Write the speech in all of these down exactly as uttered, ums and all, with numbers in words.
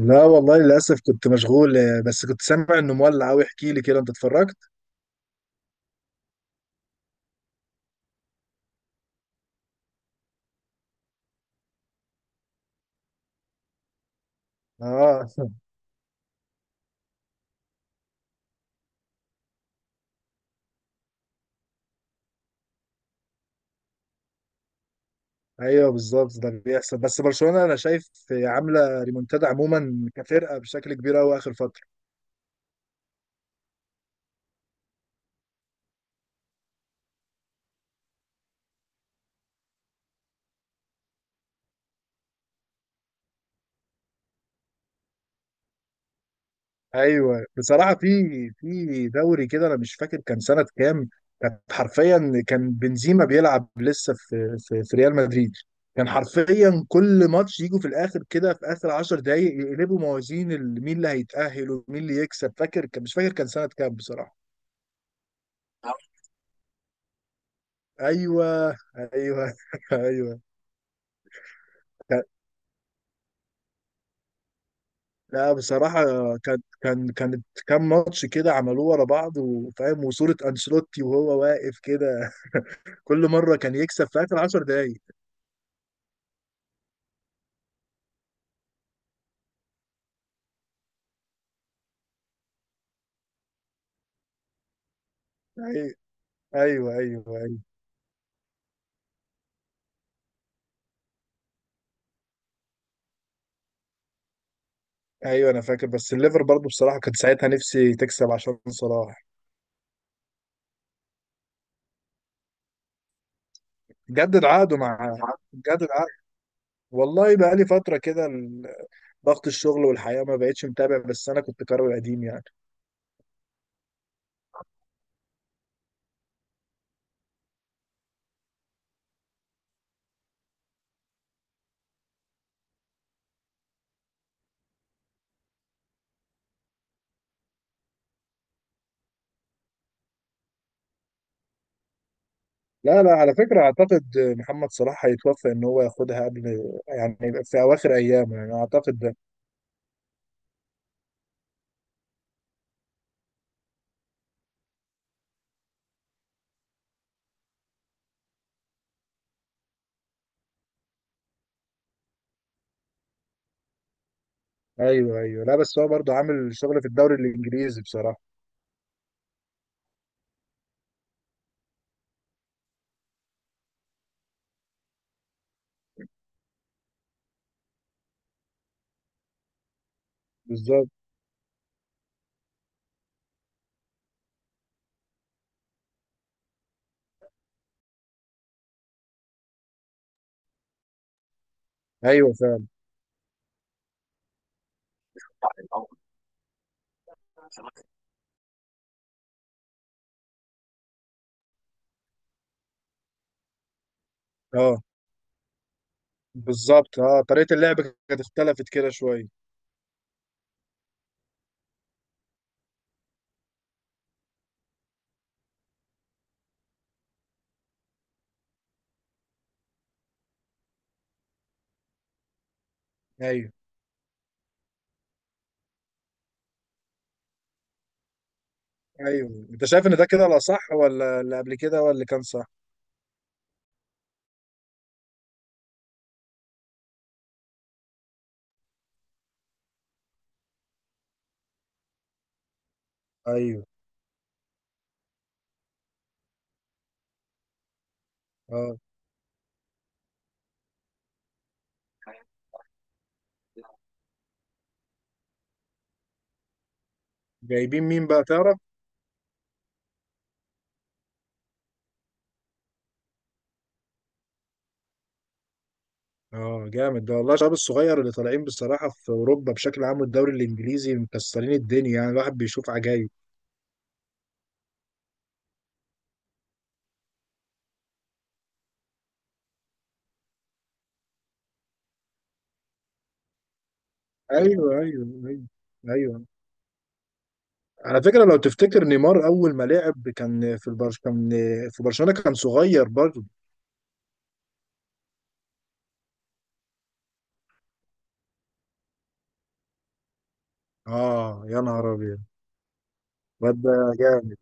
لا والله، للأسف كنت مشغول آه، بس كنت سامع إنه مولع أوي. احكي لي كده، أنت اتفرجت؟ آه. أيوه، بالظبط ده بيحصل. بس برشلونة أنا شايف آه، عاملة ريمونتادا عموما كفرقة بشكل كبير أوي آخر فترة. أيوه، بصراحة، في في دوري كده، أنا مش فاكر كان سنة كام. كانت حرفيا، كان بنزيما بيلعب لسه في في, في ريال مدريد. كان حرفيا كل ماتش يجوا في الآخر كده، في آخر 10 دقايق يقلبوا موازين ال- مين اللي هيتأهل ومين اللي يكسب. فاكر كان مش فاكر كان سنة كام بصراحة. ايوه، ايوه، ايوه. كان- لا بصراحه، كان كان كانت كام ماتش كده عملوه ورا بعض، وفاهم وصوره انشيلوتي وهو واقف كده. كل مره كان يكسب في اخر 10 دقايق. ايوه، ايوه، ايوه، ايوه، ايوه، انا فاكر. بس الليفر برضو بصراحه كانت ساعتها نفسي تكسب عشان صلاح. جدد عقده مع جدد عقده. والله بقى لي فتره كده ال- ضغط الشغل والحياه ما بقتش متابع. بس انا كنت كروي قديم يعني. لا، لا، على فكرة أعتقد محمد صلاح هيتوفى إن هو ياخدها قبل، يعني يبقى في أواخر أيامه، يعني أعتقد ده. أيوه، أيوه، لا بس هو برضه عامل شغل في الدوري الإنجليزي بصراحة. بالظبط. أيوه فعلا. أه، بالظبط. أه طريقة اللعب كانت اختلفت كده شوية. أيوه، أيوه، أنت شايف إن ده كده الأصح، ولا اللي قبل كده، ولا اللي كان صح؟ أيوه. أه جايبين مين بقى تعرف؟ اه، جامد ده والله. الشباب الصغير اللي طالعين بصراحة في أوروبا بشكل عام والدوري الإنجليزي مكسرين الدنيا، يعني الواحد بيشوف عجايب. ايوه، ايوه، ايوه، ايوه، على فكره لو تفتكر نيمار اول ما لعب كان في البرش كان في برشلونه، كان صغير برضه. اه يا نهار ابيض، الواد ده جامد.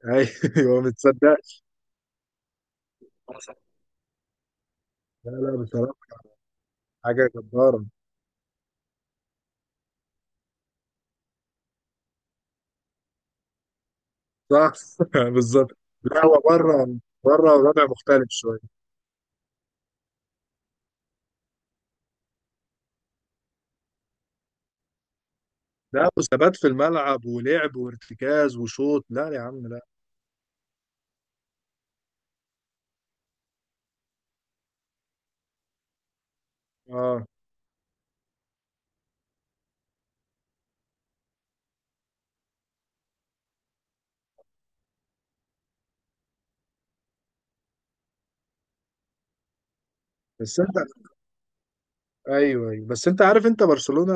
ايوه، ما تصدقش. لا، لا بصراحه، حاجه جباره. صح. بالظبط. لا هو بره بره، وضع مختلف شويه. لا، وثبات في الملعب ولعب وارتكاز وشوط. لا يا عم، لا. اه. بس انت ايوه، ايوه، بس انت عارف، انت برشلونه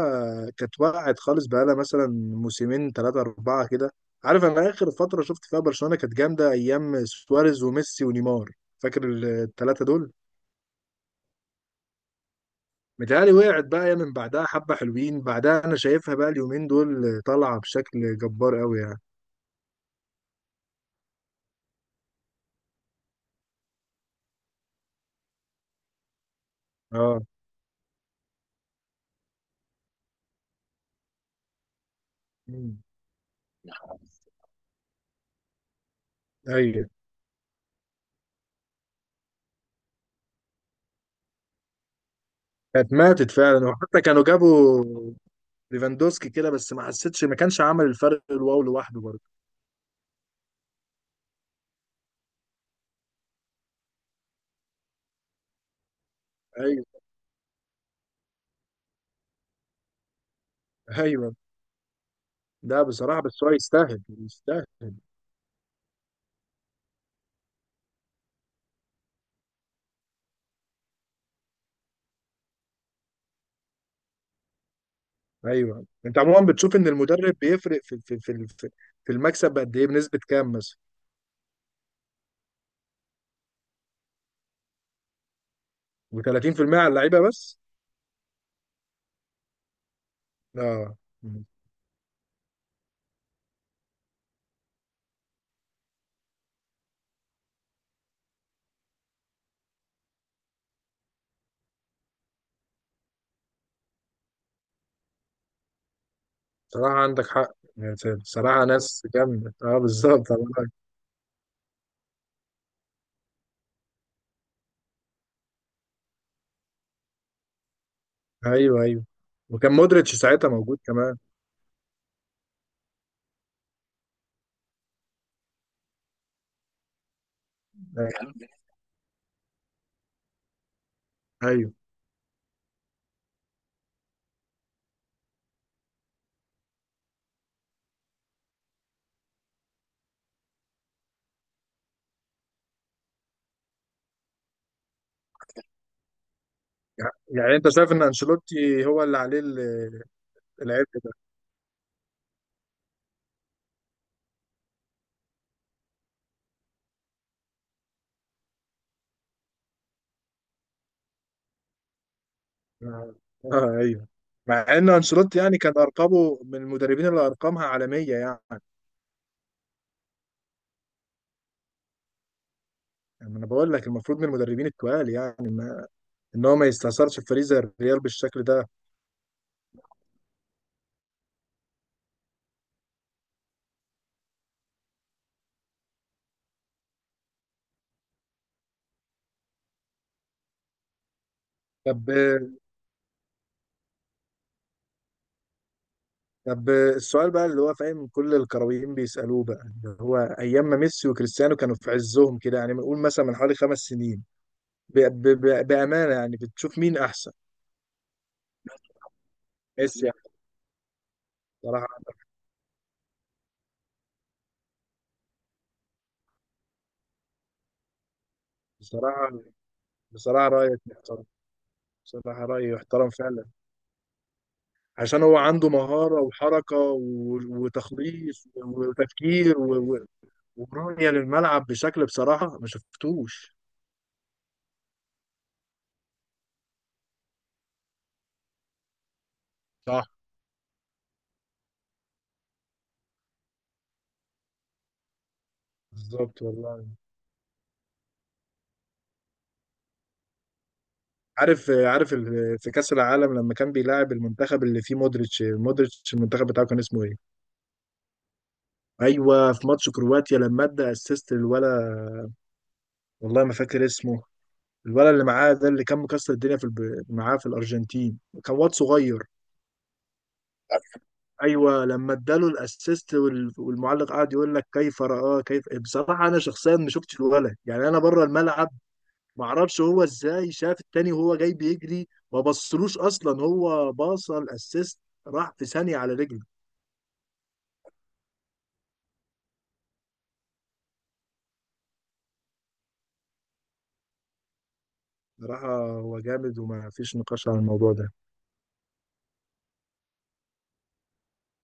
كانت وقعت خالص بقالها مثلا موسمين، ثلاثه اربعه كده. عارف، انا اخر فتره شفت فيها برشلونه كانت جامده ايام سواريز وميسي ونيمار. فاكر الثلاثه دول؟ متهيألي وقعت بقى، هي من بعدها حبه حلوين. بعدها انا شايفها بقى اليومين دول طالعه بشكل جبار قوي يعني. اه. مم. ايوه، كانت ماتت فعلا. وحتى كانوا جابوا ليفاندوسكي كده، بس ما حسيتش، ما كانش عمل الفرق الواو لوحده برضه. ايوه، ايوه، لا بصراحة بس هو يستاهل، يستاهل. ايوه، انت عموما بتشوف ان المدرب بيفرق في في في في في المكسب قد ايه، بنسبة كام مثلا؟ ب تلاتين في المية على اللعيبة بس. اه، صراحة عندك حق يعني. صراحة ناس جامدة، اه بالظبط والله. ايوه، ايوه. وكان مودريتش ساعتها موجود كمان. ايوه، أيوة. يع- يعني انت شايف ان انشيلوتي هو اللي عليه ال- العبء ده؟ اه، آه، ايوه. مع ان انشيلوتي يعني كان ارقامه من المدربين اللي ارقامها عالمية يعني. يعني انا بقول لك المفروض من المدربين التقال يعني، ما ان هو ما يستثمرش في فريق زي الريال بالشكل ده. طب طب، السؤال بقى اللي هو فاهم كل الكرويين بيسالوه بقى، اللي هو ايام ما ميسي وكريستيانو كانوا في عزهم كده، يعني بنقول مثلا من حوالي خمس سنين. ب... ب... ب... بامانه، يعني بتشوف مين احسن؟ ميسي يعني. بصراحه بصراحه بصراحه، رايك محترم. بصراحة رأيي يحترم فعلا. عشان هو عنده مهارة وحركة و- وتخليص وتفكير ورؤية للملعب بشكل بصراحة ما شفتوش. صح. بالظبط والله. عارف عارف، ال- في كأس العالم لما كان بيلاعب المنتخب اللي فيه مودريتش، مودريتش المنتخب بتاعه كان اسمه ايه؟ ايوه، في ماتش كرواتيا لما ادى اسيست للولا. والله ما فاكر اسمه. الولا اللي معاه ده، اللي كان مكسر الدنيا في الب... معاه في الارجنتين، كان واد صغير. ايوه، لما اداله الاسيست وال... والمعلق قعد يقول لك كيف رآه كيف بصراحه. انا شخصيا ما شفتش الولا، يعني انا بره الملعب. معرفش هو ازاي شاف التاني وهو جاي بيجري، ما بصلوش اصلا. هو باص الاسيست راح في ثانية على رجله. بصراحة هو جامد، وما فيش نقاش على الموضوع ده.